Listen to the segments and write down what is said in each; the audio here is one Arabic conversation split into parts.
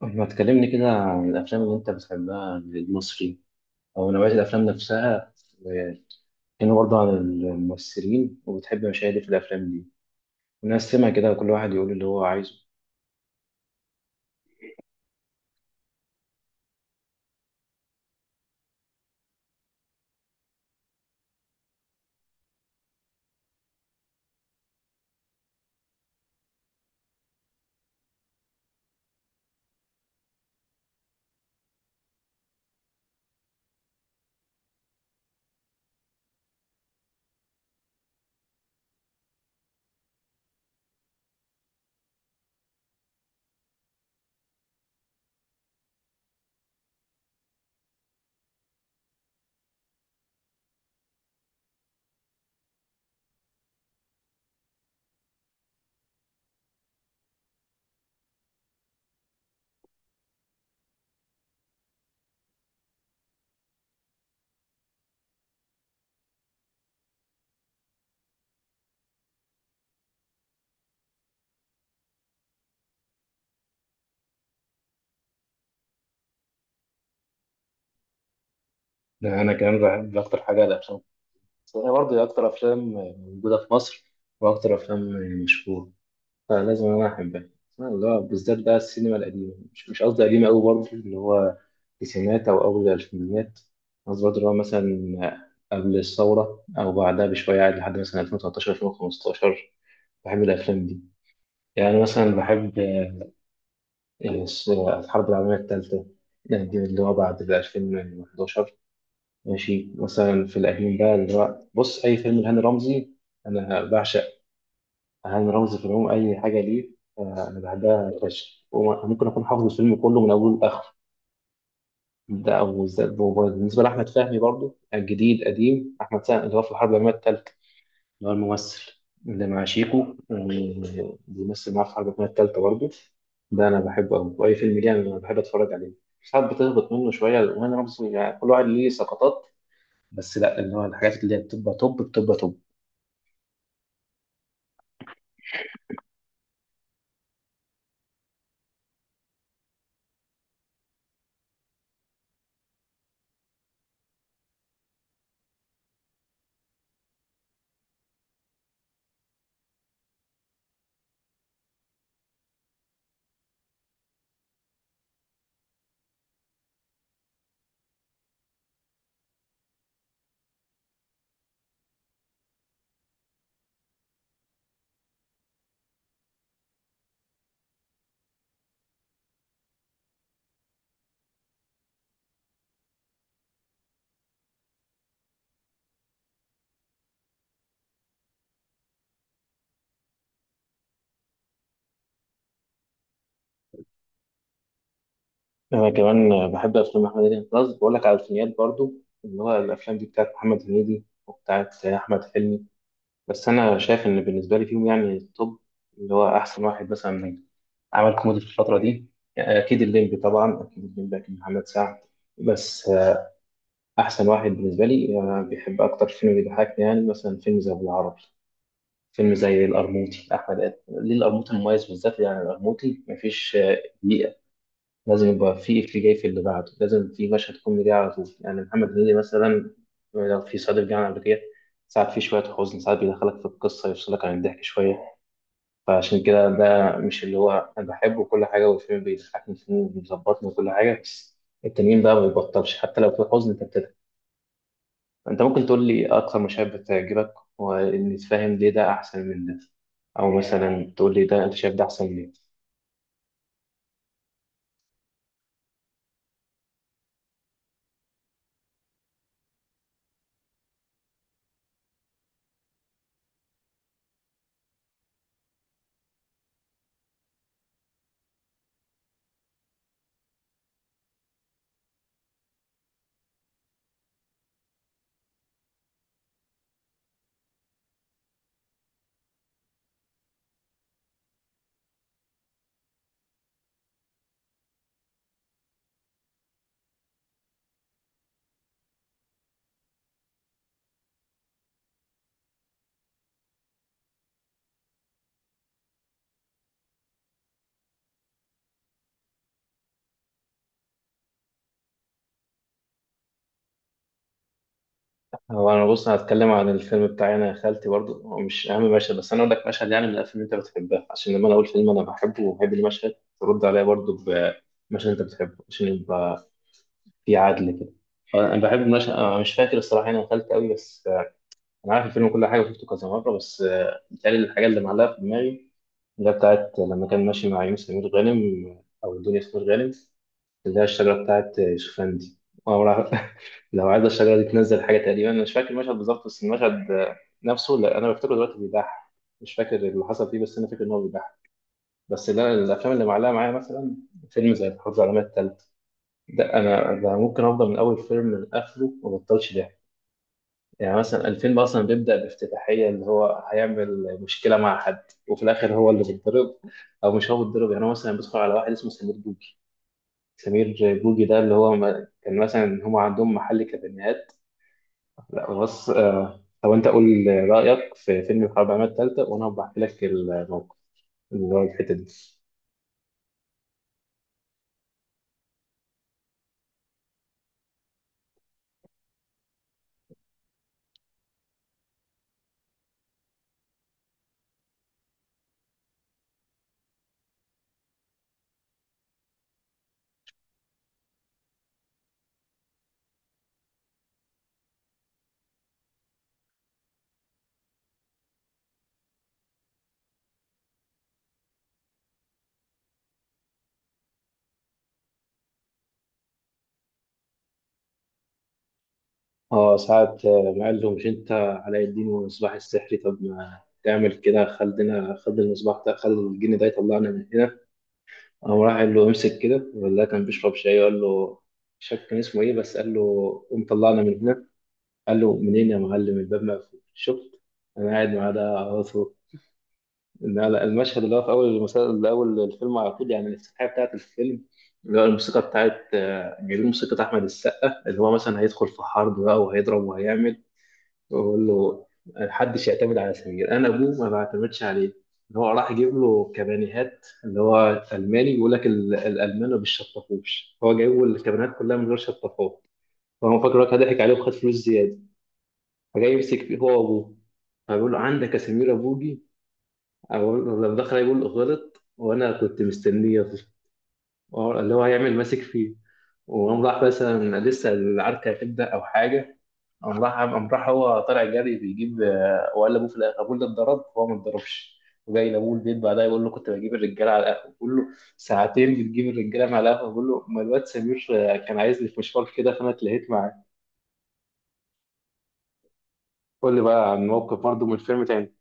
ما تكلمني كده عن الأفلام اللي أنت بتحبها المصري، أو نوعية الأفلام نفسها، وكانوا برضه عن الممثلين، وبتحب مشاهد إيه في الأفلام دي، ونقسمها كده كل واحد يقول اللي هو عايزه. أنا كمان بحب أكتر حاجة الأفلام، أنا برضه أكتر أفلام موجودة في مصر، وأكتر أفلام مشهورة، فلازم انا احبها. اسمها اللي هو بالذات بقى السينما القديمه، مش قصدي قديمه قوي، برضه اللي هو التسعينات او اول الالفينيات. قصدي برضه اللي هو مثلا قبل الثوره او بعدها بشويه عادي، لحد مثلا 2013 2015 بحب الافلام دي. يعني مثلا بحب الحرب العالميه الثالثه دي، اللي هو بعد ال 2011. ماشي، مثلا في القديم بقى اللي هو بص اي فيلم لهاني رمزي، انا بعشق أهم رمز في العموم أي حاجة ليه. أنا بحبها فشخ، وممكن أكون حافظ الفيلم كله من أوله لآخره. ده أو ذات بموبايل بالنسبة لأحمد فهمي برضو، الجديد قديم، أحمد فهمي اللي هو في الحرب العالمية التالتة، اللي هو الممثل اللي مع شيكو، بيمثل معاه في الحرب العالمية التالتة برضو. ده أنا بحبه أوي، وأي فيلم ليه أنا بحب أتفرج عليه. ساعات بتهبط منه شوية، وأنا رمز يعني كل واحد ليه سقطات، بس لا اللي هو الحاجات اللي هي بتبقى توب بتبقى توب. انا كمان بحب افلام محمد هنيدي، خلاص بقول لك على الفينيات برضو، اللي هو الافلام دي بتاعت محمد هنيدي وبتاعت احمد حلمي. بس انا شايف ان بالنسبه لي فيهم، يعني التوب، اللي هو احسن واحد مثلا عمل كوميدي في الفتره دي، اكيد الليمبي طبعا، اكيد الليمبي، اكيد محمد سعد. بس احسن واحد بالنسبه لي، بيحب اكتر فيلم بيضحكني، يعني مثلا فيلم زي ابو العربي، فيلم زي القرموطي، احمد ادم ليه، القرموطي المميز بالذات. يعني القرموطي مفيش، لازم يبقى في إفيه جاي في اللي بعده، لازم في مشهد كوميدي على طول. يعني محمد هنيدي مثلا، لو في صعيدي في الجامعة الأمريكية، ساعات في شوية حزن، ساعات بيدخلك في القصة، يفصلك عن الضحك شوية، فعشان كده ده مش اللي هو أنا بحبه. كل حاجة والفيلم بيضحكني، والفيلم بيظبطني وكل حاجة، بس التنين بقى ما بيبطلش، حتى لو في حزن أنت بتضحك. أنت ممكن تقول لي أكتر مشاهد بتعجبك، وإني تفهم ليه ده أحسن من ده، أو مثلا تقول لي ده أنت شايف ده أحسن من. هو انا بص هتكلم عن الفيلم بتاعي انا يا خالتي برضو، هو مش اهم مشهد، بس انا اقول لك مشهد يعني من الافلام اللي انت بتحبها، عشان لما انا اقول فيلم انا بحبه وبحب المشهد، ترد عليا برضو بمشهد انت بتحبه، عشان يبقى في عدل كده. انا بحب المشهد، انا مش فاكر الصراحه انا يا خالتي قوي، بس انا عارف الفيلم كل حاجه وشفته كذا مره. بس بيتهيألي الحاجه اللي معلقه في دماغي، اللي هي بتاعت لما كان ماشي مع يونس سمير غانم، او الدنيا سمير غانم، اللي هي الشجرة بتاعت شوفان دي. أول واحد- لو عايز الشجرة دي تنزل حاجة، تقريبا أنا مش فاكر المشهد بالظبط، بس المشهد نفسه لا، أنا بفتكره دلوقتي بيضحك. مش فاكر اللي حصل فيه، بس أنا فاكر إن هو بيضحك. بس لا، الأفلام اللي معلقة معايا مثلا فيلم زي الحرب العالمية التالتة، ده أنا ده ممكن أفضل من أول فيلم لآخره ما بطلش ضحك. يعني مثلا الفيلم أصلا بيبدأ بافتتاحية، اللي هو هيعمل مشكلة مع حد، وفي الآخر هو اللي بيتضرب، أو مش هو بيتضرب. يعني هو مثلا بيدخل على واحد اسمه سمير بوجي، سمير بوجي ده اللي هو كان مثلا هم عندهم محل كابينات. لا بص، طب انت قول رايك في فيلم الحرب العالميه الثالثه، وانا بحكي لك الموقف اللي هو الحته دي. اه ساعة، ما قال له مش انت علاء الدين والمصباح السحري، طب ما تعمل كده، خلينا خد المصباح ده، خد الجن ده يطلعنا من هنا. قام راح قال له امسك كده، ولا كان بيشرب شاي قال له، مش فاكر كان اسمه ايه، بس قال له قوم طلعنا من هنا. قال له منين يا معلم، الباب مقفول، شفت انا قاعد معاه ده. لا لا، المشهد اللي هو في اول المسلسل، اللي اول الفيلم على طول، يعني الافتتاحيه بتاعت الفيلم، اللي هو الموسيقى بتاعت جايبين موسيقى احمد السقا، اللي هو مثلا هيدخل في حرب بقى، وهيضرب وهيعمل، ويقول له محدش يعتمد على سمير، انا ابوه ما بعتمدش عليه. اللي هو راح يجيب له كبانيهات، اللي هو الماني، بيقول لك الالمان ما بيشطفوش، هو جايب له الكبانيهات كلها من غير شطافات. فهو فاكر إن هو ضحك عليه وخد فلوس زياده، فجاي يمسك فيه هو وابوه. فبيقول له عندك يا سمير ابوجي، أقول- لما دخل يقول غلط، وانا كنت مستنيه يغلط. اللي هو هيعمل ماسك فيه، وقام راح مثلا لسه العركه هتبدا او حاجه، قام راح هو طالع جري بيجيب، وقال لابوه في الاخر ابوه اللي اتضرب وهو ما اتضربش. وجاي لابوه البيت بعدها يقول له كنت بجيب الرجاله على القهوه، بيقول له ساعتين بتجيب الرجاله مع القهوه، بيقول له ما الواد سمير كان عايزني في مشوار كده فانا اتلهيت معاه. قول لي بقى عن موقف برضه من الفيلم تاني.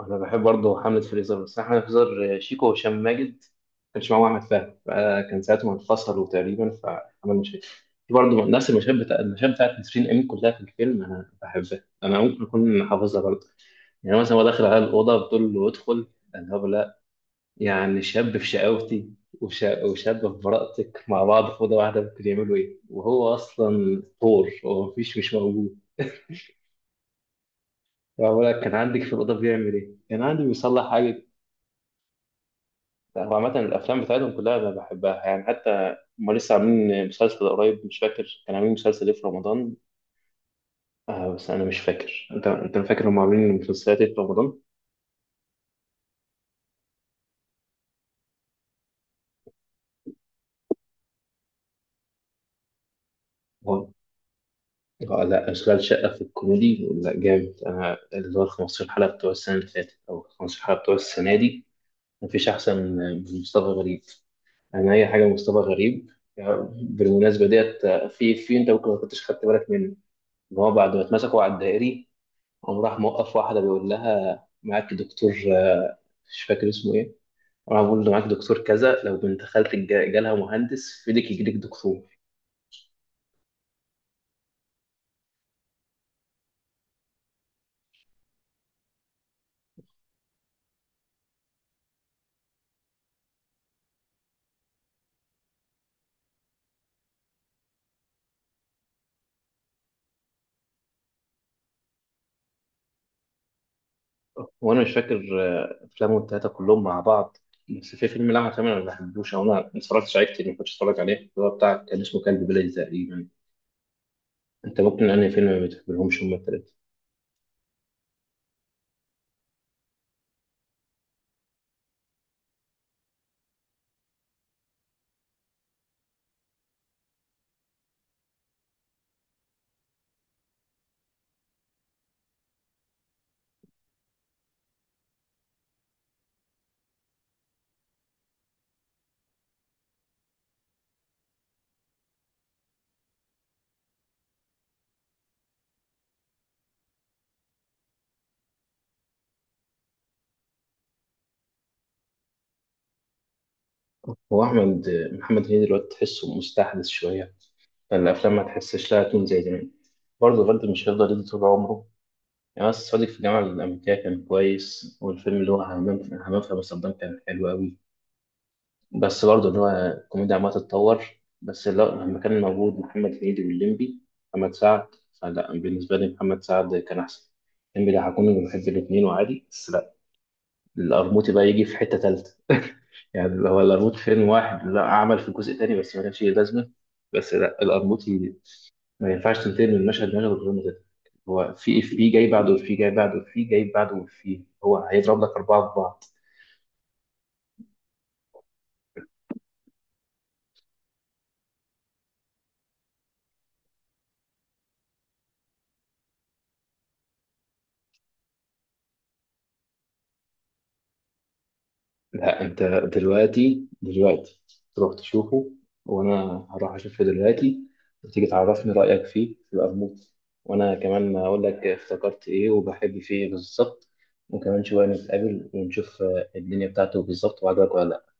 انا بحب برضه حملة فريزر، بس أنا حملة فريزر شيكو وهشام ماجد، ما كانش معاهم احمد فهمي، فكان ساعتهم انفصلوا تقريبا، فعمل مشاكل. في برضه نفس المشاهد بتاع المشاهد بتاعت نسرين امين، كلها في الفيلم انا بحبها، انا ممكن اكون حافظها برضه. يعني مثلا هو داخل على الاوضه، بتقول له ادخل، قال له لا، يعني شاب في شقاوتي وشاب في براءتك مع بعض في اوضه واحده، ممكن يعملوا ايه، وهو اصلا طور، هو مفيش مش موجود. فبقول لك كان عندك في الاوضه بيعمل ايه، كان عندي بيصلح حاجه. لا، هو عامة الأفلام بتاعتهم كلها أنا بحبها. يعني حتى هما لسه عاملين مسلسل قريب، مش فاكر كانوا عاملين مسلسل إيه في رمضان. آه بس أنا مش فاكر، أنت فاكر هما عاملين مسلسلات إيه في رمضان؟ هو آه لا، أشغال شقة في الكوميدي لا جامد، أنا اللي هو ال 15 حلقة بتوع السنة اللي فاتت، أو 15 حلقة بتوع السنة دي، مفيش أحسن من مصطفى غريب، أنا أي حاجة مصطفى غريب يعني. بالمناسبة ديت، في أنت ممكن ما كنتش خدت بالك منه، إن هو بعد ما اتمسكوا على الدائري، قام راح موقف واحدة بيقول لها معاك دكتور آه، مش فاكر اسمه ايه، راح بيقول له معاك دكتور كذا، لو بنت خالتك جالها مهندس في ايدك يجيلك دكتور. وانا مش فاكر، افلامهم التلاتة كلهم مع بعض، بس في فيلم لعبة تمام انا ما بحبوش، او انا ما اتفرجتش عليه كتير، ما كنتش اتفرج عليه، اللي هو بتاع كان اسمه كلب بلد تقريبا. انت ممكن انهي فيلم ما بتحبلهمش هما التلاتة. هو احمد محمد هنيدي دلوقتي تحسه مستحدث شوية، فالافلام ما تحسش لها تون زي زمان، برضه الغد مش هيفضل يدي طول عمره يعني. بس صديق في الجامعة الأمريكية كان كويس، والفيلم اللي هو همام في أمستردام كان حلو أوي، بس برضه اللي هو الكوميديا عمالة تتطور. بس لا، لما كان موجود محمد هنيدي والليمبي محمد سعد، فلا بالنسبة لي محمد سعد كان أحسن، الليمبي ده هكون بحب الاتنين وعادي، بس لا القرموطي بقى يجي في حتة تالتة. يعني هو القرموطي فيلم واحد، لا عمل في جزء تاني بس ما كانش ليه لازمة. بس لا القرموطي ما ينفعش تنتهي من مشهد لمشهد غير متتر، هو في إيه؟ في جاي بعده، في جاي بعده، في جاي بعده، في هو هيضرب لك أربعة في بعض. لا أنت دلوقتي تروح تشوفه، وأنا هروح أشوفه دلوقتي، وتيجي تعرفني رأيك فيه يبقى بموت، وأنا كمان أقول لك افتكرت إيه وبحب فيه إيه بالظبط، وكمان شوية نتقابل ونشوف الدنيا بتاعته بالظبط وعجبك ولا لأ.